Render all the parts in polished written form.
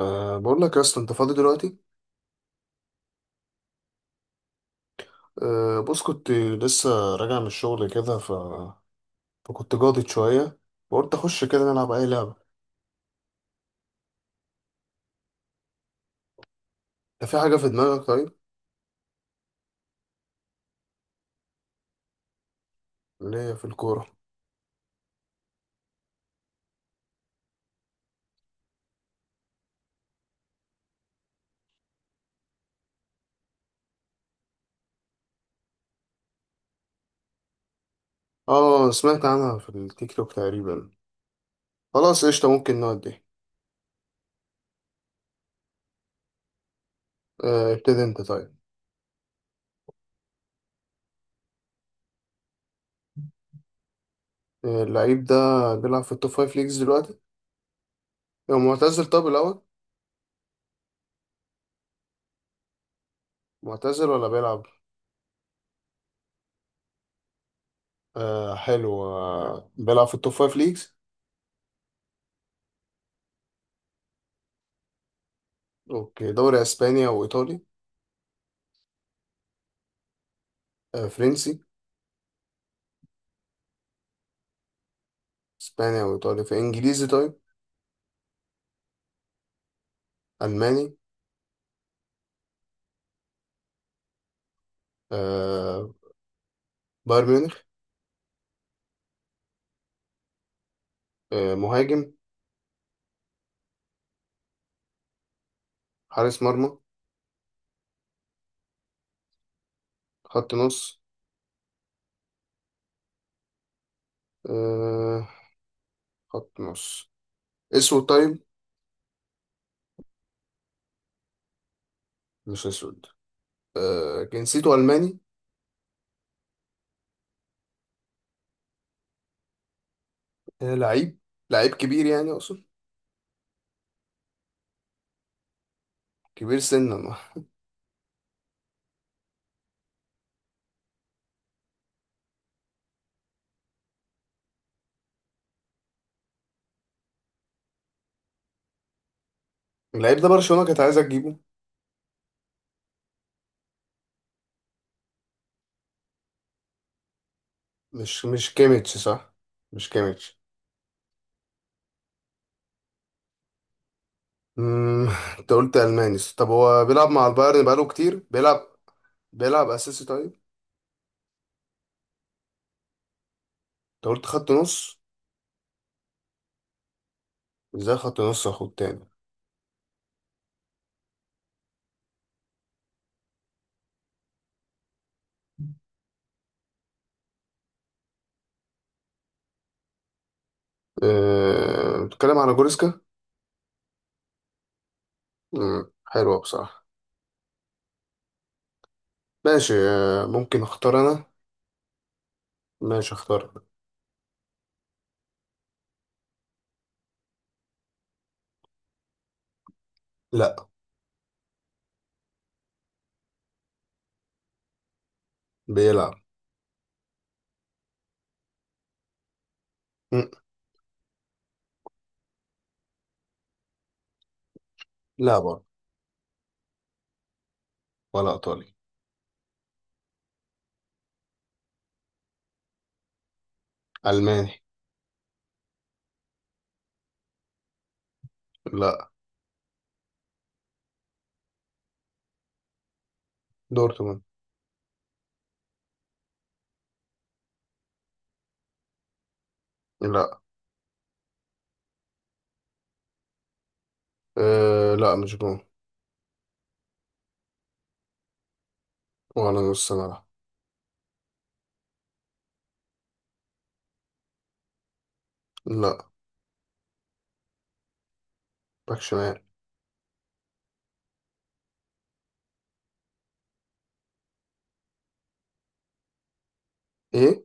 بقول لك يا اسطى، انت فاضي دلوقتي؟ بص، كنت لسه راجع من الشغل كده فكنت جاضد شويه وقلت اخش كده نلعب اي لعبه. انت في حاجه في دماغك طيب؟ اللي هي في الكوره. اه، سمعت عنها في التيك توك تقريبا. خلاص قشطه، ممكن نودي. ابتدي انت طيب. اللعيب ده بيلعب في التوب فايف ليجز دلوقتي؟ هو معتزل طب الاول؟ معتزل ولا بيلعب؟ حلو، بيلعب في التوب فايف ليجز. اوكي، دوري اسبانيا وايطالي؟ فرنسي؟ اسبانيا وايطاليا في انجليزي طيب؟ الماني؟ آه، بايرن ميونخ. آه، مهاجم؟ حارس مرمى؟ خط نص؟ آه، خط نص. اسود طيب؟ مش اسود. آه، جنسيته الماني. آه، لعيب، لعيب كبير يعني اقصد كبير سنا. اللعيب ده برشلونة كانت عايزة تجيبه؟ مش كيميتش صح؟ مش كيميتش؟ مم، انت قلت الماني، طب هو بيلعب مع البايرن بقاله كتير بيلعب. بيلعب اساسي طيب؟ انت قلت خط نص؟ ازاي خط نص اخد تاني؟ بتتكلم على جوريسكا؟ حلوة بصراحة. ماشي، ممكن اختار انا. ماشي اختار. لا. بيلعب. مم. لا برضه. ولا ايطالي. الماني. لا. دورتموند. لا. لا مش جون. ولا نص ملعب. لا. باك شمال. ايه.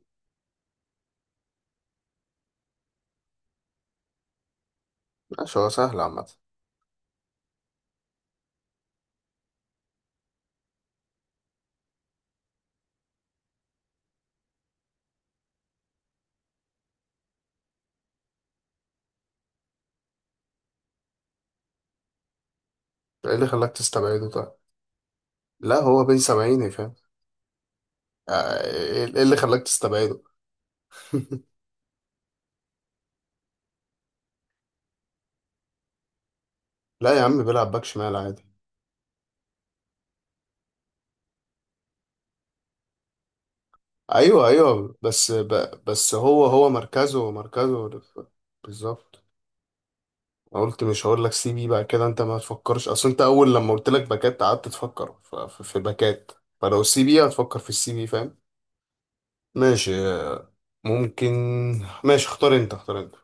ماشي، هو سهل عامة. ايه اللي خلاك تستبعده طيب؟ لا، هو بين سبعين فاهم. آه، ايه؟ إيه اللي خلاك تستبعده؟ لا يا عم، بيلعب باك شمال عادي. ايوه ايوه، بس هو مركزه بالظبط. انا قلت مش هقول لك سي بي بقى كده، انت ما تفكرش. اصل انت اول لما قلت لك باكات قعدت تفكر في باكات، فلو سي بي هتفكر في السي بي، فاهم. ماشي. آه، ممكن. ماشي، اختار انت اختار انت.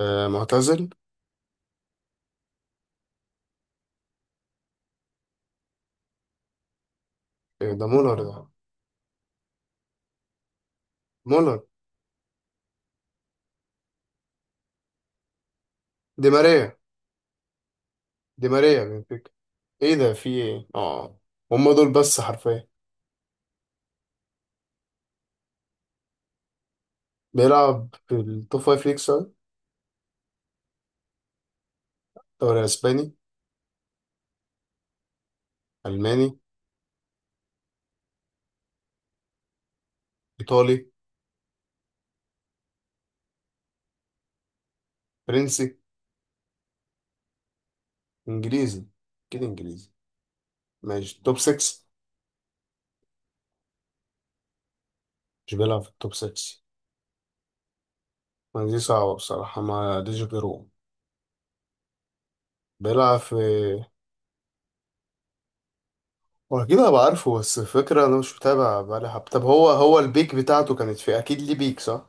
معتزل؟ إيه ده، مولر ده؟ مولر. دي ماريا. دي ماريا بنفيكا. ايه ده، في ايه؟ اه، هم دول بس حرفيا. بيلعب في التوب فايف ليجز. دوري اسباني؟ الماني؟ ايطالي؟ فرنسي؟ انجليزي. كده انجليزي. ماشي، توب 6؟ مش بيلعب في التوب 6؟ ما دي صعبة بصراحة، ما ديش غيره. بيلعب في. هو اكيد هبقى عارفه، بس الفكرة انا مش متابع بقالي حب. طب هو البيك بتاعته كانت في، اكيد ليه بيك صح؟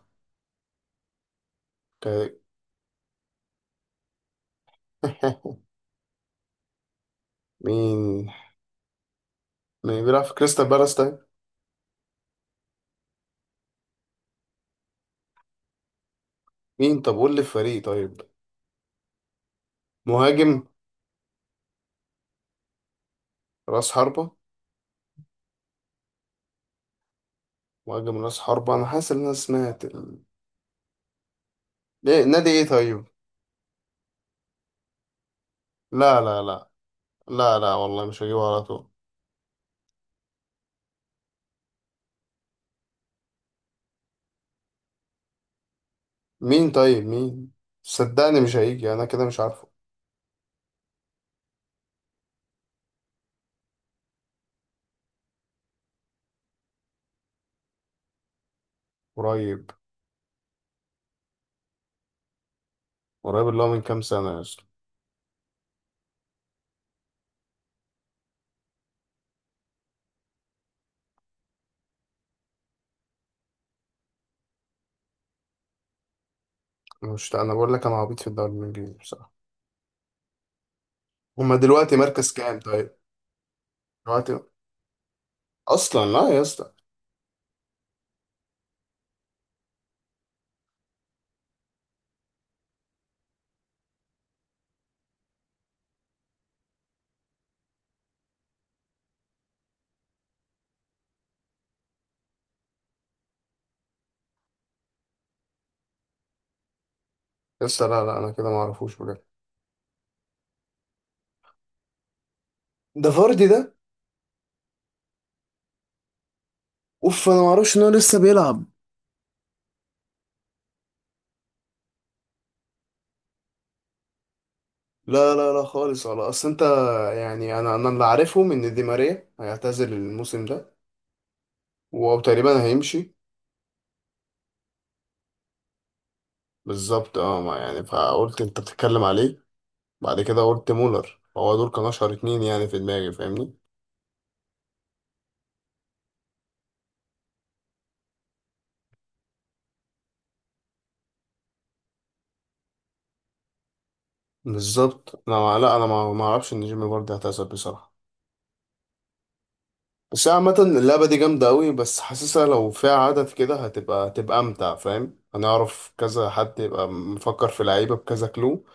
ك- مين؟ مين بيلعب في كريستال بالاس طيب؟ مين، طب قول لي الفريق طيب. مهاجم. راس حربة. مهاجم راس حربة. انا حاسس ان انا سمعت ليه نادي ايه طيب؟ لا، لا والله مش هجيبه على طول. مين طيب، مين؟ صدقني مش هيجي، انا كده مش عارفه. قريب. قريب اللي هو من كام سنة يا اسطى؟ مش انا بقول لك انا عبيط في الدوري الانجليزي بصراحة. هما دلوقتي مركز كام طيب؟ دلوقتي اصلا؟ لا يا اسطى. يا اسطى لا لا، انا كده ما اعرفوش بجد. ده فاردي ده؟ اوف، انا ما اعرفش ان هو لسه بيلعب. لا خالص. ولا اصل انت، يعني انا اللي عارفه ان دي ماريا هيعتزل الموسم ده وتقريبا هيمشي. بالظبط، اه، ما يعني فقلت انت بتتكلم عليه، بعد كده قلت مولر. هو دول كانوا اشهر اتنين يعني في دماغي، فاهمني. بالظبط. انا ما- لا، انا ما اعرفش ان جيمي برضه هتعزل بصراحه. بس هي عامه اللعبه دي جامده قوي، بس حاسسها لو فيها عدد كده هتبقى امتع، فاهم؟ هنعرف كذا حد يبقى مفكر في لعيبه بكذا كلو.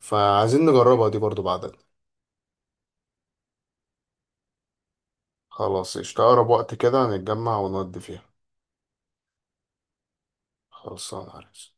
فعايزين نجربها دي برضه بعدد. خلاص، اشتغل اقرب وقت كده هنتجمع ونودي فيها. خلاص انا عارف.